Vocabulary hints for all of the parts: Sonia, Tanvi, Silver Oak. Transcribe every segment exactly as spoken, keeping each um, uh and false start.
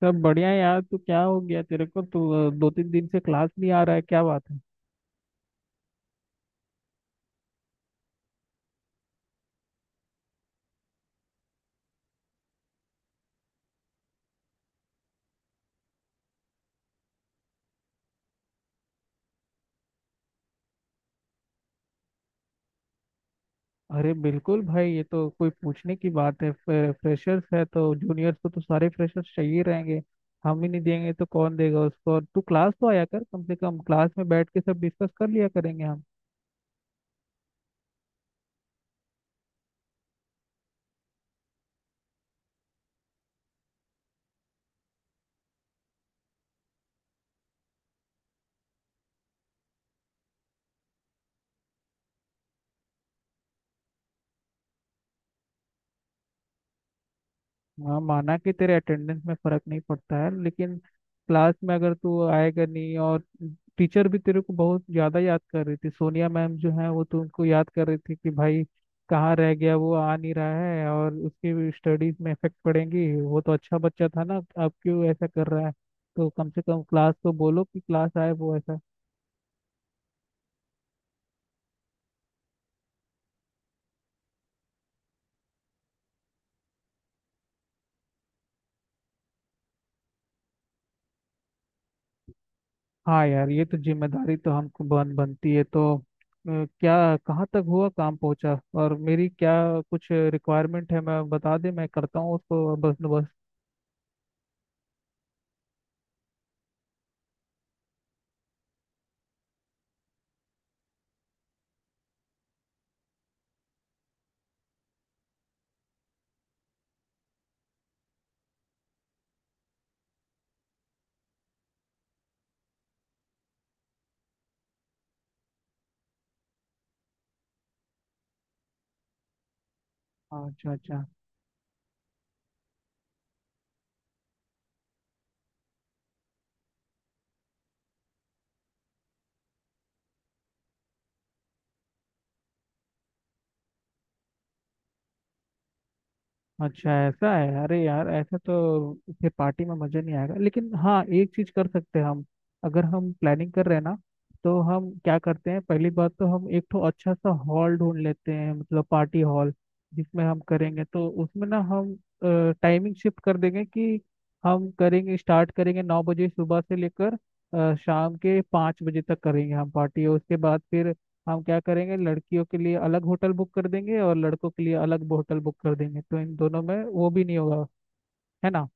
सब बढ़िया है यार। तू क्या हो गया तेरे को? तू दो तीन दिन से क्लास नहीं आ रहा है, क्या बात है? अरे बिल्कुल भाई, ये तो कोई पूछने की बात है? फ्रे, फ्रेशर्स है तो जूनियर्स को तो सारे फ्रेशर्स चाहिए रहेंगे। हम ही नहीं देंगे तो कौन देगा उसको? और तू क्लास तो आया कर, कम से कम क्लास में बैठ के सब डिस्कस कर लिया करेंगे हम। हाँ, माना कि तेरे अटेंडेंस में फर्क नहीं पड़ता है, लेकिन क्लास में अगर तू आएगा नहीं, और टीचर भी तेरे को बहुत ज्यादा याद कर रही थी। सोनिया मैम जो है वो तुमको याद कर रही थी कि भाई कहाँ रह गया, वो आ नहीं रहा है और उसकी भी स्टडीज में इफेक्ट पड़ेंगी। वो तो अच्छा बच्चा था ना, अब क्यों ऐसा कर रहा है? तो कम से कम क्लास को बोलो कि क्लास आए वो, ऐसा। हाँ यार, ये तो जिम्मेदारी तो हमको बन बनती है। तो अ, क्या कहाँ तक हुआ काम, पहुंचा? और मेरी क्या कुछ रिक्वायरमेंट है मैं बता दे, मैं करता हूँ उसको बस बस अच्छा अच्छा। अच्छा ऐसा है? अरे यार, ऐसा तो फिर पार्टी में मजा नहीं आएगा। लेकिन हाँ, एक चीज कर सकते हैं हम। अगर हम प्लानिंग कर रहे हैं ना, तो हम क्या करते हैं, पहली बात तो हम एक तो अच्छा सा हॉल ढूंढ लेते हैं, मतलब पार्टी हॉल जिसमें हम करेंगे। तो उसमें ना हम टाइमिंग शिफ्ट कर देंगे कि हम करेंगे, स्टार्ट करेंगे नौ बजे सुबह से लेकर अ, शाम के पाँच बजे तक करेंगे हम पार्टी। और उसके बाद फिर हम क्या करेंगे, लड़कियों के लिए अलग होटल बुक कर देंगे और लड़कों के लिए अलग होटल बुक कर देंगे, तो इन दोनों में वो भी नहीं होगा, है ना?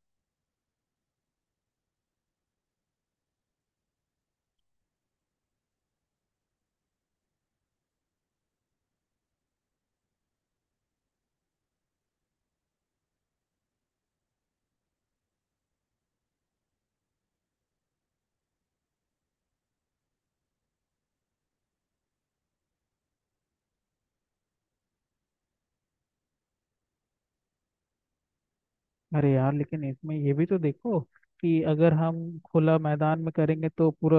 अरे यार, लेकिन इसमें ये भी तो देखो कि अगर हम खुला मैदान में करेंगे तो पूरा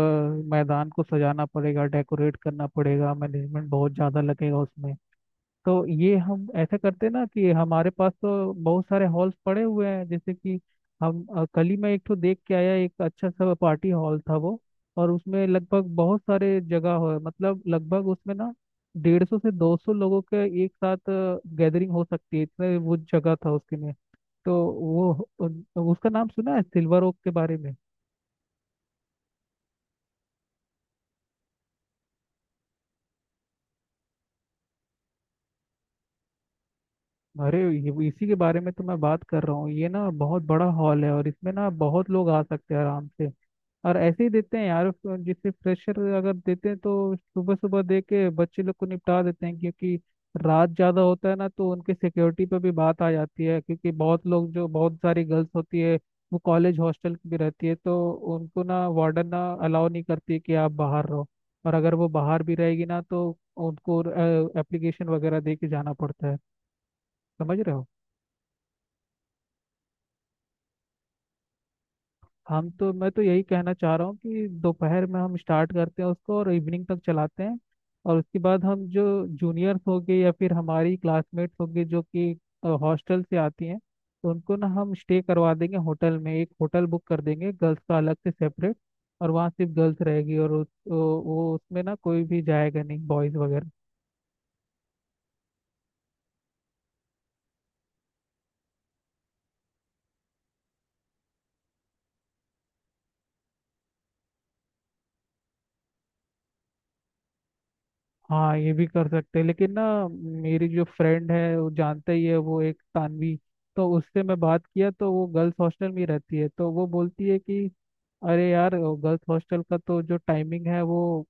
मैदान को सजाना पड़ेगा, डेकोरेट करना पड़ेगा, मैनेजमेंट बहुत ज़्यादा लगेगा उसमें। तो ये हम ऐसे करते ना कि हमारे पास तो बहुत सारे हॉल्स पड़े हुए हैं, जैसे कि हम अ, कल ही मैं एक तो देख के आया, एक अच्छा सा पार्टी हॉल था वो। और उसमें लगभग बहुत सारे जगह हो, मतलब लगभग उसमें ना डेढ़ सौ से दो सौ लोगों के एक साथ गैदरिंग हो सकती है, इतने वो जगह था उसके में। तो वो उन- उसका नाम सुना है सिल्वर ओक के बारे में? अरे ये- इसी के बारे में तो मैं बात कर रहा हूँ। ये ना बहुत बड़ा हॉल है और इसमें ना बहुत लोग आ सकते हैं आराम से। और ऐसे ही देते हैं यार उसको, जिससे प्रेशर अगर देते हैं तो सुबह सुबह दे के बच्चे लोग को निपटा देते हैं। क्योंकि रात ज़्यादा होता है ना तो उनके सिक्योरिटी पे भी बात आ जाती है, क्योंकि बहुत लोग जो बहुत सारी गर्ल्स होती है वो कॉलेज हॉस्टल की भी रहती है। तो उनको ना वार्डन ना अलाउ नहीं करती कि आप बाहर रहो, और अगर वो बाहर भी रहेगी ना तो उनको एप्लीकेशन वगैरह दे के जाना पड़ता है। समझ रहे हो? हम तो मैं तो यही कहना चाह रहा हूँ कि दोपहर में हम स्टार्ट करते हैं उसको और इवनिंग तक चलाते हैं। और उसके बाद हम जो जूनियर्स होंगे या फिर हमारी क्लासमेट्स होंगे जो कि हॉस्टल से आती हैं, तो उनको ना हम स्टे करवा देंगे होटल में, एक होटल बुक कर देंगे गर्ल्स का अलग से सेपरेट। और वहाँ सिर्फ गर्ल्स रहेगी और उस, वो वो उसमें ना कोई भी जाएगा नहीं, बॉयज़ वगैरह। हाँ, ये भी कर सकते हैं, लेकिन ना मेरी जो फ्रेंड है वो जानता ही है वो, एक तानवी। तो उससे मैं बात किया तो वो गर्ल्स हॉस्टल में ही रहती है, तो वो बोलती है कि अरे यार, गर्ल्स हॉस्टल का तो जो टाइमिंग है वो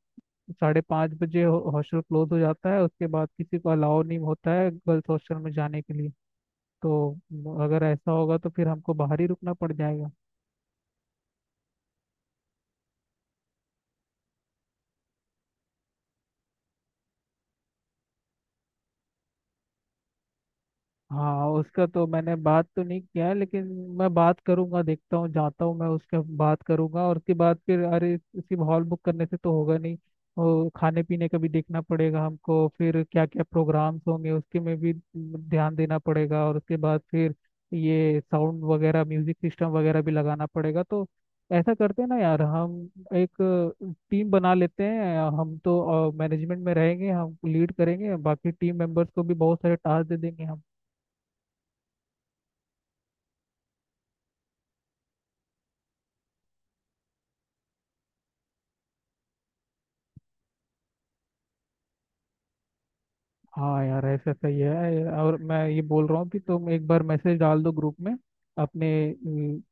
साढ़े पाँच बजे हो- हॉस्टल क्लोज हो जाता है, उसके बाद किसी को अलाउ नहीं होता है गर्ल्स हॉस्टल में जाने के लिए। तो अगर ऐसा होगा तो फिर हमको बाहर ही रुकना पड़ जाएगा। हाँ, उसका तो मैंने बात तो नहीं किया है, लेकिन मैं बात करूंगा, देखता हूँ, जाता हूँ मैं, उसका बात करूंगा। और उसके बाद फिर अरे उसकी हॉल बुक करने से तो होगा नहीं, और खाने पीने का भी देखना पड़ेगा हमको, फिर क्या क्या प्रोग्राम्स होंगे उसके में भी ध्यान देना पड़ेगा, और उसके बाद फिर ये साउंड वगैरह म्यूजिक सिस्टम वगैरह भी लगाना पड़ेगा। तो ऐसा करते हैं ना यार, हम एक टीम बना लेते हैं, हम तो मैनेजमेंट में रहेंगे, हम लीड करेंगे, बाकी टीम मेंबर्स को भी बहुत सारे टास्क दे देंगे। हाँ यार, ऐसा सही है। और मैं ये बोल रहा हूँ कि तुम एक बार मैसेज डाल दो ग्रुप में, अपने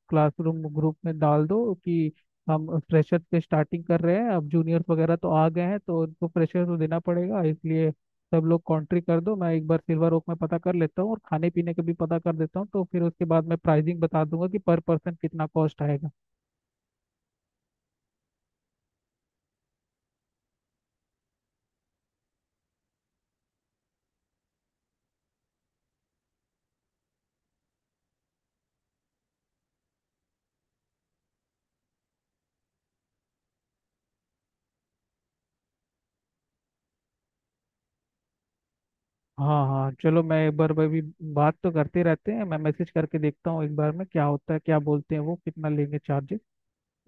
क्लासरूम ग्रुप में डाल दो कि हम फ्रेशर से स्टार्टिंग कर रहे हैं, अब जूनियर्स वगैरह तो आ गए हैं तो उनको फ्रेशर तो देना पड़ेगा, इसलिए सब लोग कॉन्ट्री कर दो। मैं एक बार सिल्वर ओक में पता कर लेता हूँ और खाने पीने का भी पता कर देता हूँ, तो फिर उसके बाद मैं प्राइसिंग बता दूंगा कि पर पर्सन कितना कॉस्ट आएगा। हाँ हाँ, चलो मैं एक बार भाई भी बात तो करते रहते हैं, मैं मैसेज करके देखता हूँ एक बार में क्या होता है, क्या बोलते हैं वो, कितना लेंगे चार्जेस।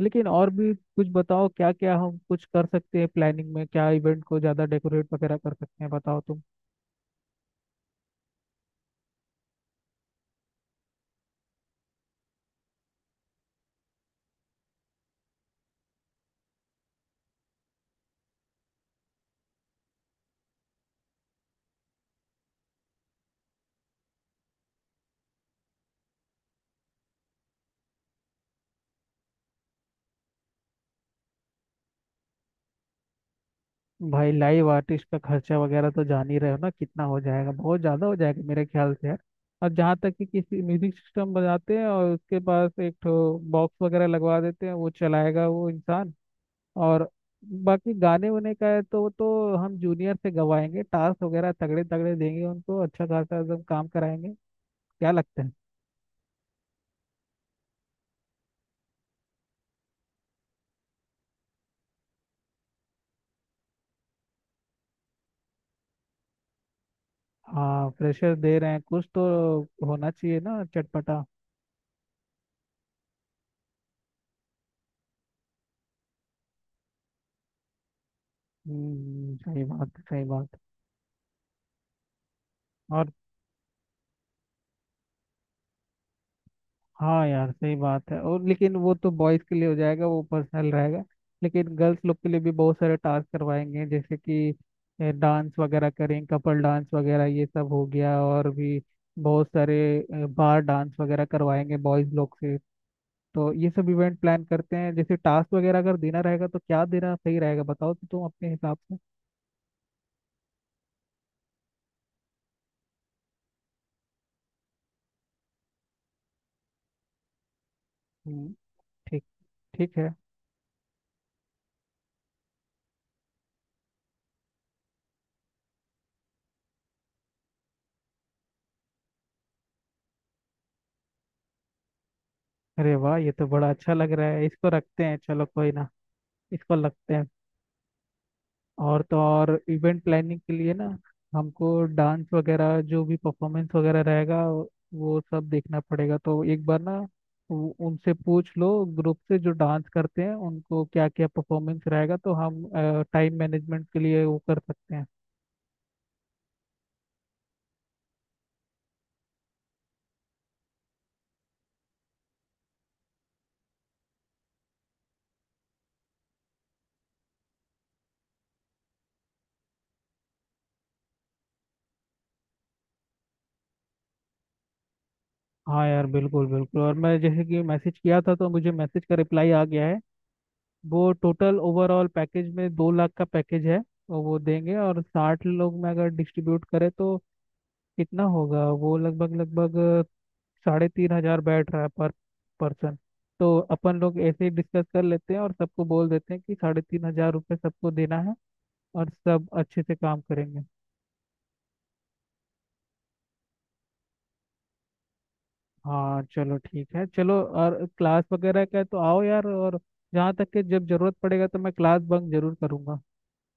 लेकिन और भी कुछ बताओ, क्या क्या हम कुछ कर सकते हैं प्लानिंग में, क्या इवेंट को ज़्यादा डेकोरेट वगैरह कर सकते हैं, बताओ तुम। भाई लाइव आर्टिस्ट का खर्चा वगैरह तो जान ही रहे हो ना कितना हो जाएगा, बहुत ज़्यादा हो जाएगा मेरे ख्याल से यार। और जहाँ तक कि किसी म्यूजिक सिस्टम बजाते हैं और उसके पास एक ठो बॉक्स वगैरह लगवा देते हैं, वो चलाएगा वो इंसान। और बाकी गाने वाने का है तो वो तो हम जूनियर से गवाएंगे, टास्क वगैरह तगड़े तगड़े देंगे उनको, अच्छा खासा एकदम काम कराएंगे। क्या लगता है? हाँ, प्रेशर दे रहे हैं कुछ तो होना चाहिए ना चटपटा। हम्म, सही बात है, सही बात है। और हाँ यार, सही बात है। और लेकिन वो तो बॉयज के लिए हो जाएगा, वो पर्सनल रहेगा। लेकिन गर्ल्स लोग के लिए भी बहुत सारे टास्क करवाएंगे, जैसे कि डांस वगैरह करें, कपल डांस वगैरह ये सब हो गया, और भी बहुत सारे बार डांस वगैरह करवाएंगे बॉयज लोग से। तो ये सब इवेंट प्लान करते हैं, जैसे टास्क वगैरह अगर देना रहेगा तो क्या देना सही रहेगा, बताओ तो तुम अपने हिसाब से। हम्म, ठीक, ठीक है। अरे वाह, ये तो बड़ा अच्छा लग रहा है, इसको रखते हैं, चलो कोई ना, इसको लगते हैं। और तो और, इवेंट प्लानिंग के लिए ना हमको डांस वगैरह जो भी परफॉर्मेंस वगैरह रहेगा वो सब देखना पड़ेगा, तो एक बार ना उ- उनसे पूछ लो, ग्रुप से जो डांस करते हैं उनको क्या क्या परफॉर्मेंस रहेगा, तो हम टाइम मैनेजमेंट के लिए वो कर सकते हैं। हाँ यार बिल्कुल बिल्कुल। और मैं जैसे कि मैसेज किया था तो मुझे मैसेज का रिप्लाई आ गया है, वो टोटल ओवरऑल पैकेज में दो लाख का पैकेज है और वो देंगे। और साठ लोग में अगर डिस्ट्रीब्यूट करें तो कितना होगा वो, लगभग लगभग साढ़े तीन हजार बैठ रहा है पर पर्सन। तो अपन लोग ऐसे ही डिस्कस कर लेते हैं और सबको बोल देते हैं कि साढ़े तीन हजार रुपये सबको देना है और सब अच्छे से काम करेंगे। हाँ, चलो ठीक है, चलो। और क्लास वगैरह का है तो आओ यार, और जहाँ तक कि जब जरूरत पड़ेगा तो मैं क्लास बंक जरूर करूँगा,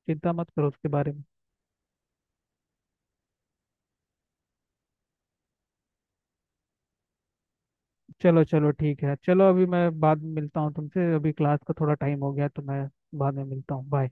चिंता मत करो उसके बारे में। चलो चलो ठीक है, चलो अभी मैं बाद में मिलता हूँ तुमसे, अभी क्लास का थोड़ा टाइम हो गया तो मैं बाद में मिलता हूँ, बाय।